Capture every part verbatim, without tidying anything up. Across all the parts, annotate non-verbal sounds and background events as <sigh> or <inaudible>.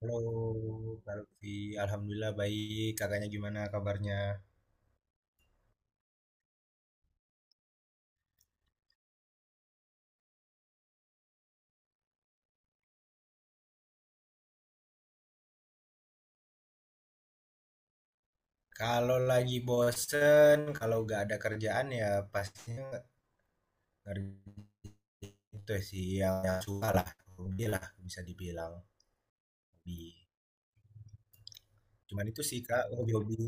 Halo, Kalvi. Alhamdulillah baik. Kakaknya gimana kabarnya? Kalau lagi bosen, kalau nggak ada kerjaan ya pastinya ngerjain itu sih yang, yang suka lah. Hobi lah bisa dibilang hobi. Cuman itu sih Kak, hobi-hobi.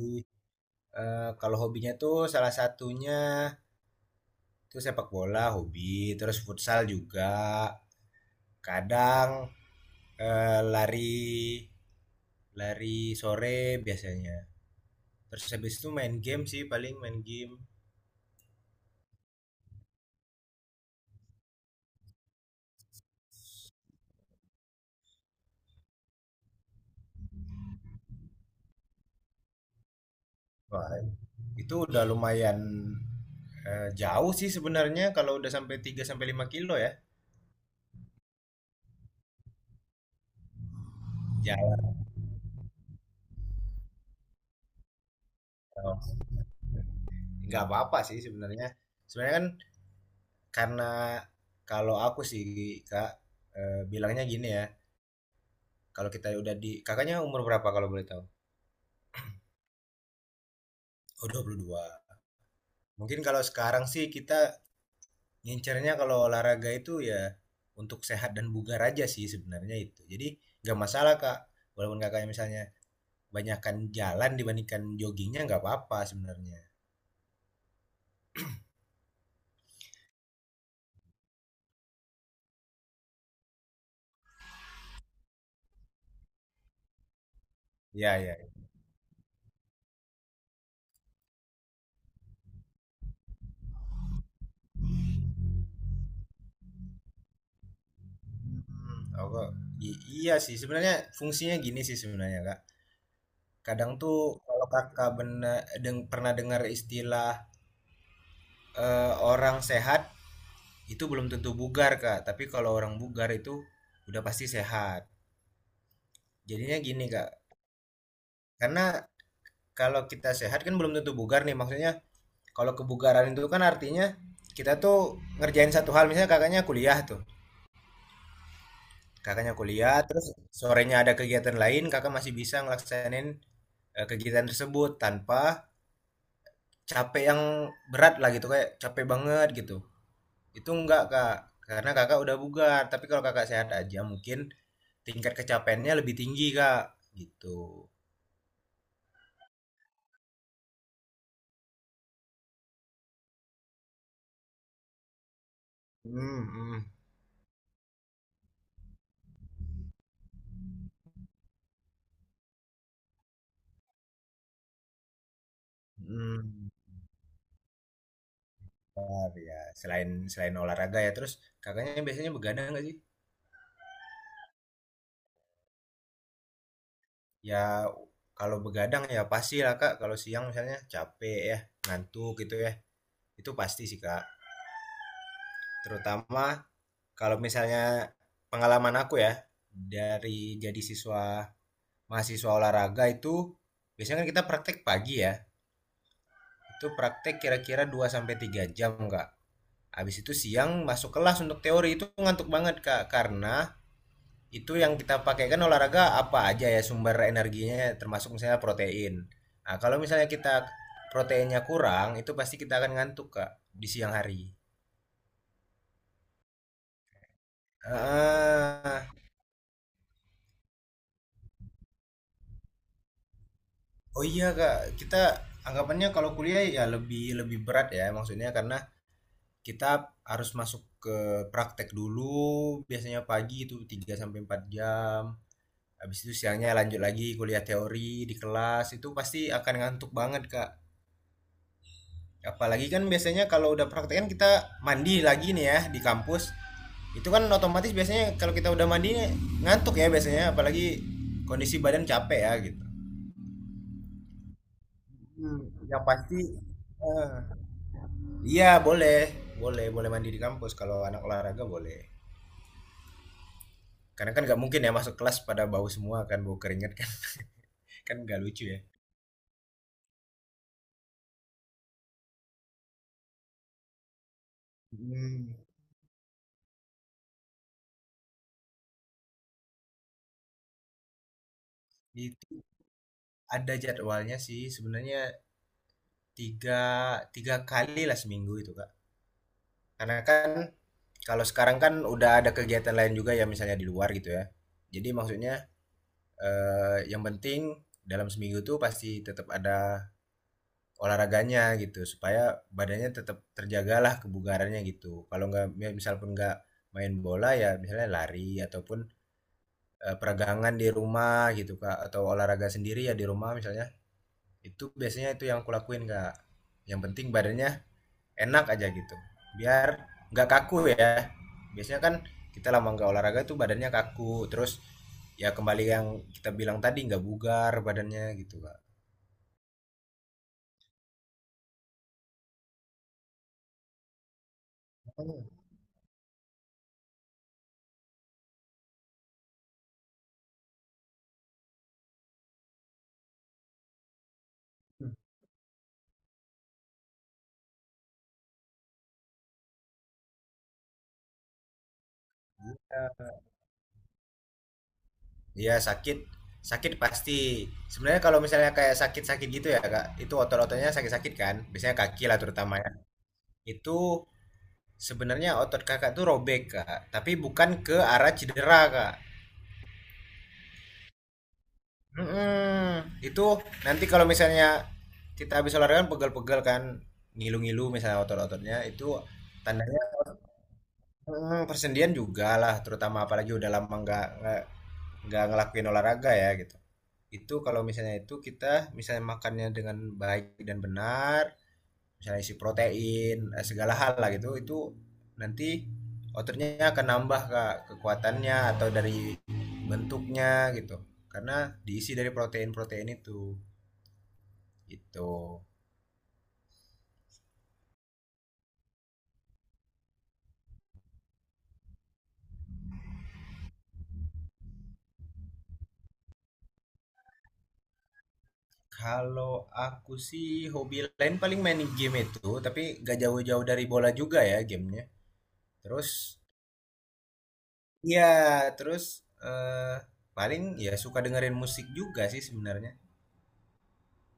Eh, kalau hobinya tuh salah satunya tuh sepak bola hobi, terus futsal juga. Kadang eh, lari lari sore biasanya. Terus habis itu main game sih paling main game. Wah, itu udah lumayan eh, jauh sih sebenarnya kalau udah sampai tiga sampai lima kilo ya. Jauh nggak apa-apa sih sebenarnya sebenarnya kan, karena kalau aku sih kak, eh, bilangnya gini ya, kalau kita udah di, kakaknya umur berapa kalau boleh tahu? Oh, dua puluh dua. Mungkin kalau sekarang sih kita ngincernya kalau olahraga itu ya untuk sehat dan bugar aja sih sebenarnya itu. Jadi nggak masalah kak, walaupun kakaknya misalnya banyakan jalan dibandingkan joggingnya nggak apa-apa sebenarnya. Iya, iya. Mhm, aku i- iya sih sebenarnya fungsinya gini sih sebenarnya Kak. Kadang tuh kalau Kakak benar deng pernah dengar istilah eh, orang sehat itu belum tentu bugar Kak, tapi kalau orang bugar itu udah pasti sehat. Jadinya gini Kak, karena kalau kita sehat kan belum tentu bugar nih, maksudnya kalau kebugaran itu kan artinya kita tuh ngerjain satu hal. Misalnya kakaknya kuliah tuh Kakaknya kuliah, terus sorenya ada kegiatan lain, kakak masih bisa ngelaksanin eh, kegiatan tersebut tanpa capek yang berat lah gitu, kayak capek banget gitu. Itu enggak kak, karena kakak udah bugar. Tapi kalau kakak sehat aja mungkin tingkat kecapeannya lebih tinggi kak, gitu. Hmm. Hmm. Hmm. Bentar, ya. Selain selain olahraga ya, terus kakaknya biasanya begadang nggak sih? Ya kalau begadang ya pasti lah kak. Kalau siang misalnya capek ya, ngantuk gitu ya. Itu pasti sih kak, terutama kalau misalnya pengalaman aku ya, dari jadi siswa mahasiswa olahraga itu biasanya kan kita praktek pagi ya, itu praktek kira-kira dua sampai tiga jam kak. Habis itu siang masuk kelas untuk teori itu ngantuk banget kak, karena itu yang kita pakai kan olahraga apa aja ya sumber energinya termasuk misalnya protein. Nah, kalau misalnya kita proteinnya kurang itu pasti kita akan ngantuk kak di siang hari. ah Oh iya Kak, kita anggapannya kalau kuliah ya lebih lebih berat ya, maksudnya karena kita harus masuk ke praktek dulu biasanya pagi itu tiga sampai empat jam. Habis itu siangnya lanjut lagi kuliah teori di kelas itu pasti akan ngantuk banget Kak. Apalagi kan biasanya kalau udah praktek kan kita mandi lagi nih ya di kampus. Itu kan otomatis biasanya kalau kita udah mandi ngantuk ya biasanya, apalagi kondisi badan capek ya gitu. Hmm. Yang pasti eh, iya boleh, boleh, boleh mandi di kampus kalau anak olahraga boleh. Karena kan nggak mungkin ya masuk kelas pada bau semua kan, bau keringat kan, <laughs> kan nggak lucu ya. Hmm, itu ada jadwalnya sih sebenarnya, tiga tiga kali lah seminggu itu Kak. Karena kan kalau sekarang kan udah ada kegiatan lain juga ya misalnya di luar gitu ya. Jadi maksudnya eh, yang penting dalam seminggu tuh pasti tetap ada olahraganya gitu supaya badannya tetap terjagalah kebugarannya gitu. Kalau nggak ya misal pun nggak main bola ya misalnya lari ataupun eh, peregangan di rumah gitu Kak, atau olahraga sendiri ya di rumah misalnya. Itu biasanya itu yang kulakuin Kak. Yang penting badannya enak aja gitu. Biar nggak kaku ya. Biasanya kan kita lama nggak olahraga tuh badannya kaku, terus ya kembali yang kita bilang tadi nggak bugar badannya gitu Kak. Makanya, ya, iya sakit, sakit pasti. Sebenarnya kalau misalnya kayak sakit-sakit gitu ya kak, itu otot-ototnya sakit-sakit kan, biasanya kaki lah terutama ya. Itu sebenarnya otot kakak tuh robek kak, tapi bukan ke arah cedera kak. Mm-mm. Itu nanti kalau misalnya kita habis olahraga kan pegel-pegel kan, ngilu-ngilu misalnya otot-ototnya itu tandanya mm, persendian juga lah, terutama apalagi udah lama nggak nggak nggak ngelakuin olahraga ya gitu. Itu kalau misalnya itu kita misalnya makannya dengan baik dan benar, misalnya isi protein eh, segala hal lah gitu, itu nanti ototnya akan nambah kak kekuatannya atau dari bentuknya gitu, karena diisi dari protein-protein itu itu Kalau aku sih hobi lain paling main game itu, tapi gak jauh-jauh dari bola juga ya gamenya. Terus ya, terus eh, paling ya suka dengerin musik juga sih sebenarnya.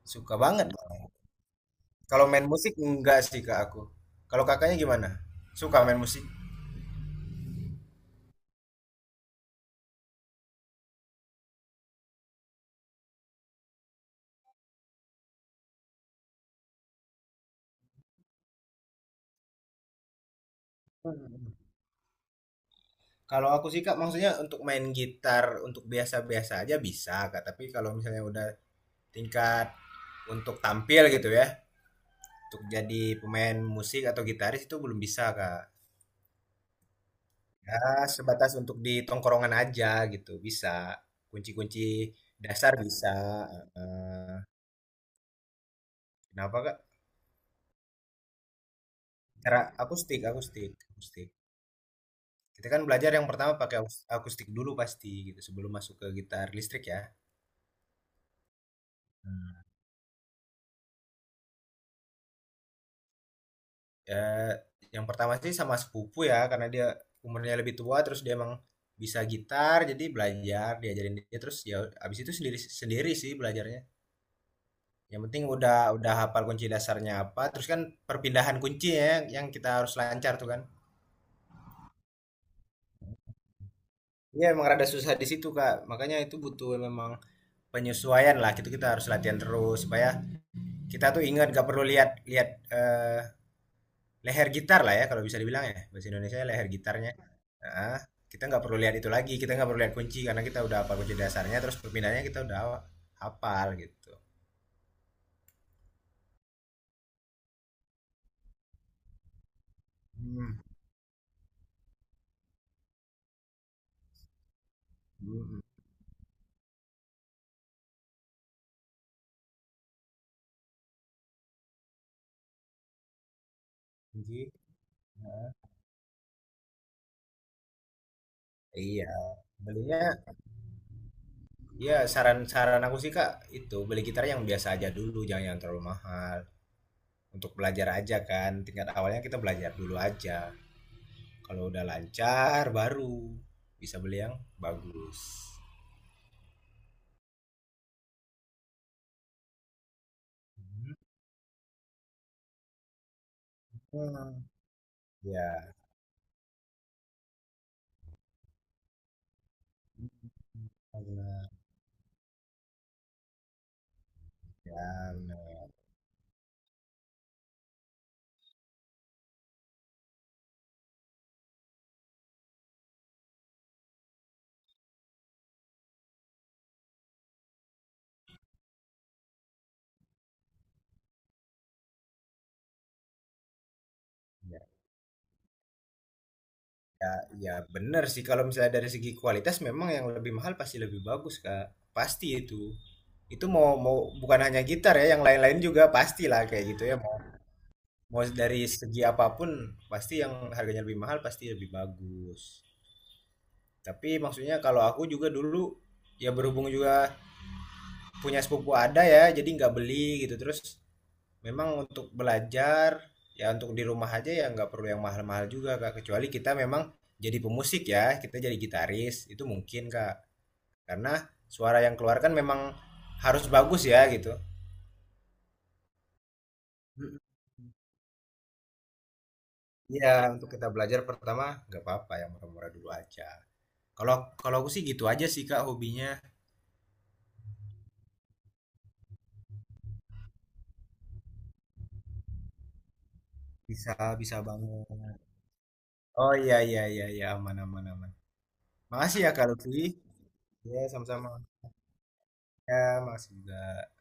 Suka banget. Kalau main musik enggak sih Kak aku. Kalau Kakaknya gimana? Suka main musik? Hmm. Kalau aku sih Kak, maksudnya untuk main gitar untuk biasa-biasa aja bisa Kak, tapi kalau misalnya udah tingkat untuk tampil gitu ya, untuk jadi pemain musik atau gitaris itu belum bisa Kak. Ya, sebatas untuk di tongkrongan aja gitu, bisa. Kunci-kunci dasar bisa. Eh, kenapa Kak? Cara aku stick, aku stick, aku stick. Kita kan belajar yang pertama pakai aus- akustik dulu pasti gitu sebelum masuk ke gitar listrik ya. Hmm. Ya, yang pertama sih sama sepupu ya karena dia umurnya lebih tua, terus dia emang bisa gitar, jadi belajar diajarin dia. Terus ya abis itu sendiri sendiri sih belajarnya. Yang penting udah udah hafal kunci dasarnya apa, terus kan perpindahan kunci ya yang kita harus lancar tuh kan. Iya emang rada susah di situ Kak. Makanya itu butuh memang penyesuaian lah. Gitu kita harus latihan terus supaya kita tuh ingat gak perlu lihat lihat eh, leher gitar lah ya kalau bisa dibilang ya, bahasa Indonesia leher gitarnya. Nah, kita nggak perlu lihat itu lagi, kita nggak perlu lihat kunci karena kita udah apa kunci dasarnya, terus perpindahannya kita udah hafal gitu. Hmm. Hmm. Kunci. Iya belinya ya, saran-saran aku sih kak, itu beli gitar yang biasa aja dulu, jangan yang terlalu mahal, untuk belajar aja kan tingkat awalnya kita belajar dulu aja. Kalau udah lancar baru bisa beli yang bagus. Hmm. Ya. Ya, bener. Ya, ya, ya, bener sih kalau misalnya dari segi kualitas memang yang lebih mahal pasti lebih bagus, Kak. Pasti itu. Itu mau mau bukan hanya gitar ya, yang lain-lain juga pastilah kayak gitu ya. Mau, mau dari segi apapun pasti yang harganya lebih mahal pasti lebih bagus. Tapi maksudnya kalau aku juga dulu ya berhubung juga punya sepupu ada ya, jadi nggak beli gitu. Terus memang untuk belajar, ya untuk di rumah aja ya nggak perlu yang mahal-mahal juga Kak. Kecuali kita memang jadi pemusik ya, kita jadi gitaris, itu mungkin Kak. Karena suara yang keluar kan memang harus bagus ya gitu. Mm, iya, untuk kita belajar pertama nggak apa-apa yang murah-murah dulu aja. Kalau kalau aku sih gitu aja sih Kak hobinya. Bisa, bisa banget. Oh, iya iya iya iya, aman aman aman. Makasih ya Kak Lutfi. Ya sama-sama. Ya, makasih juga.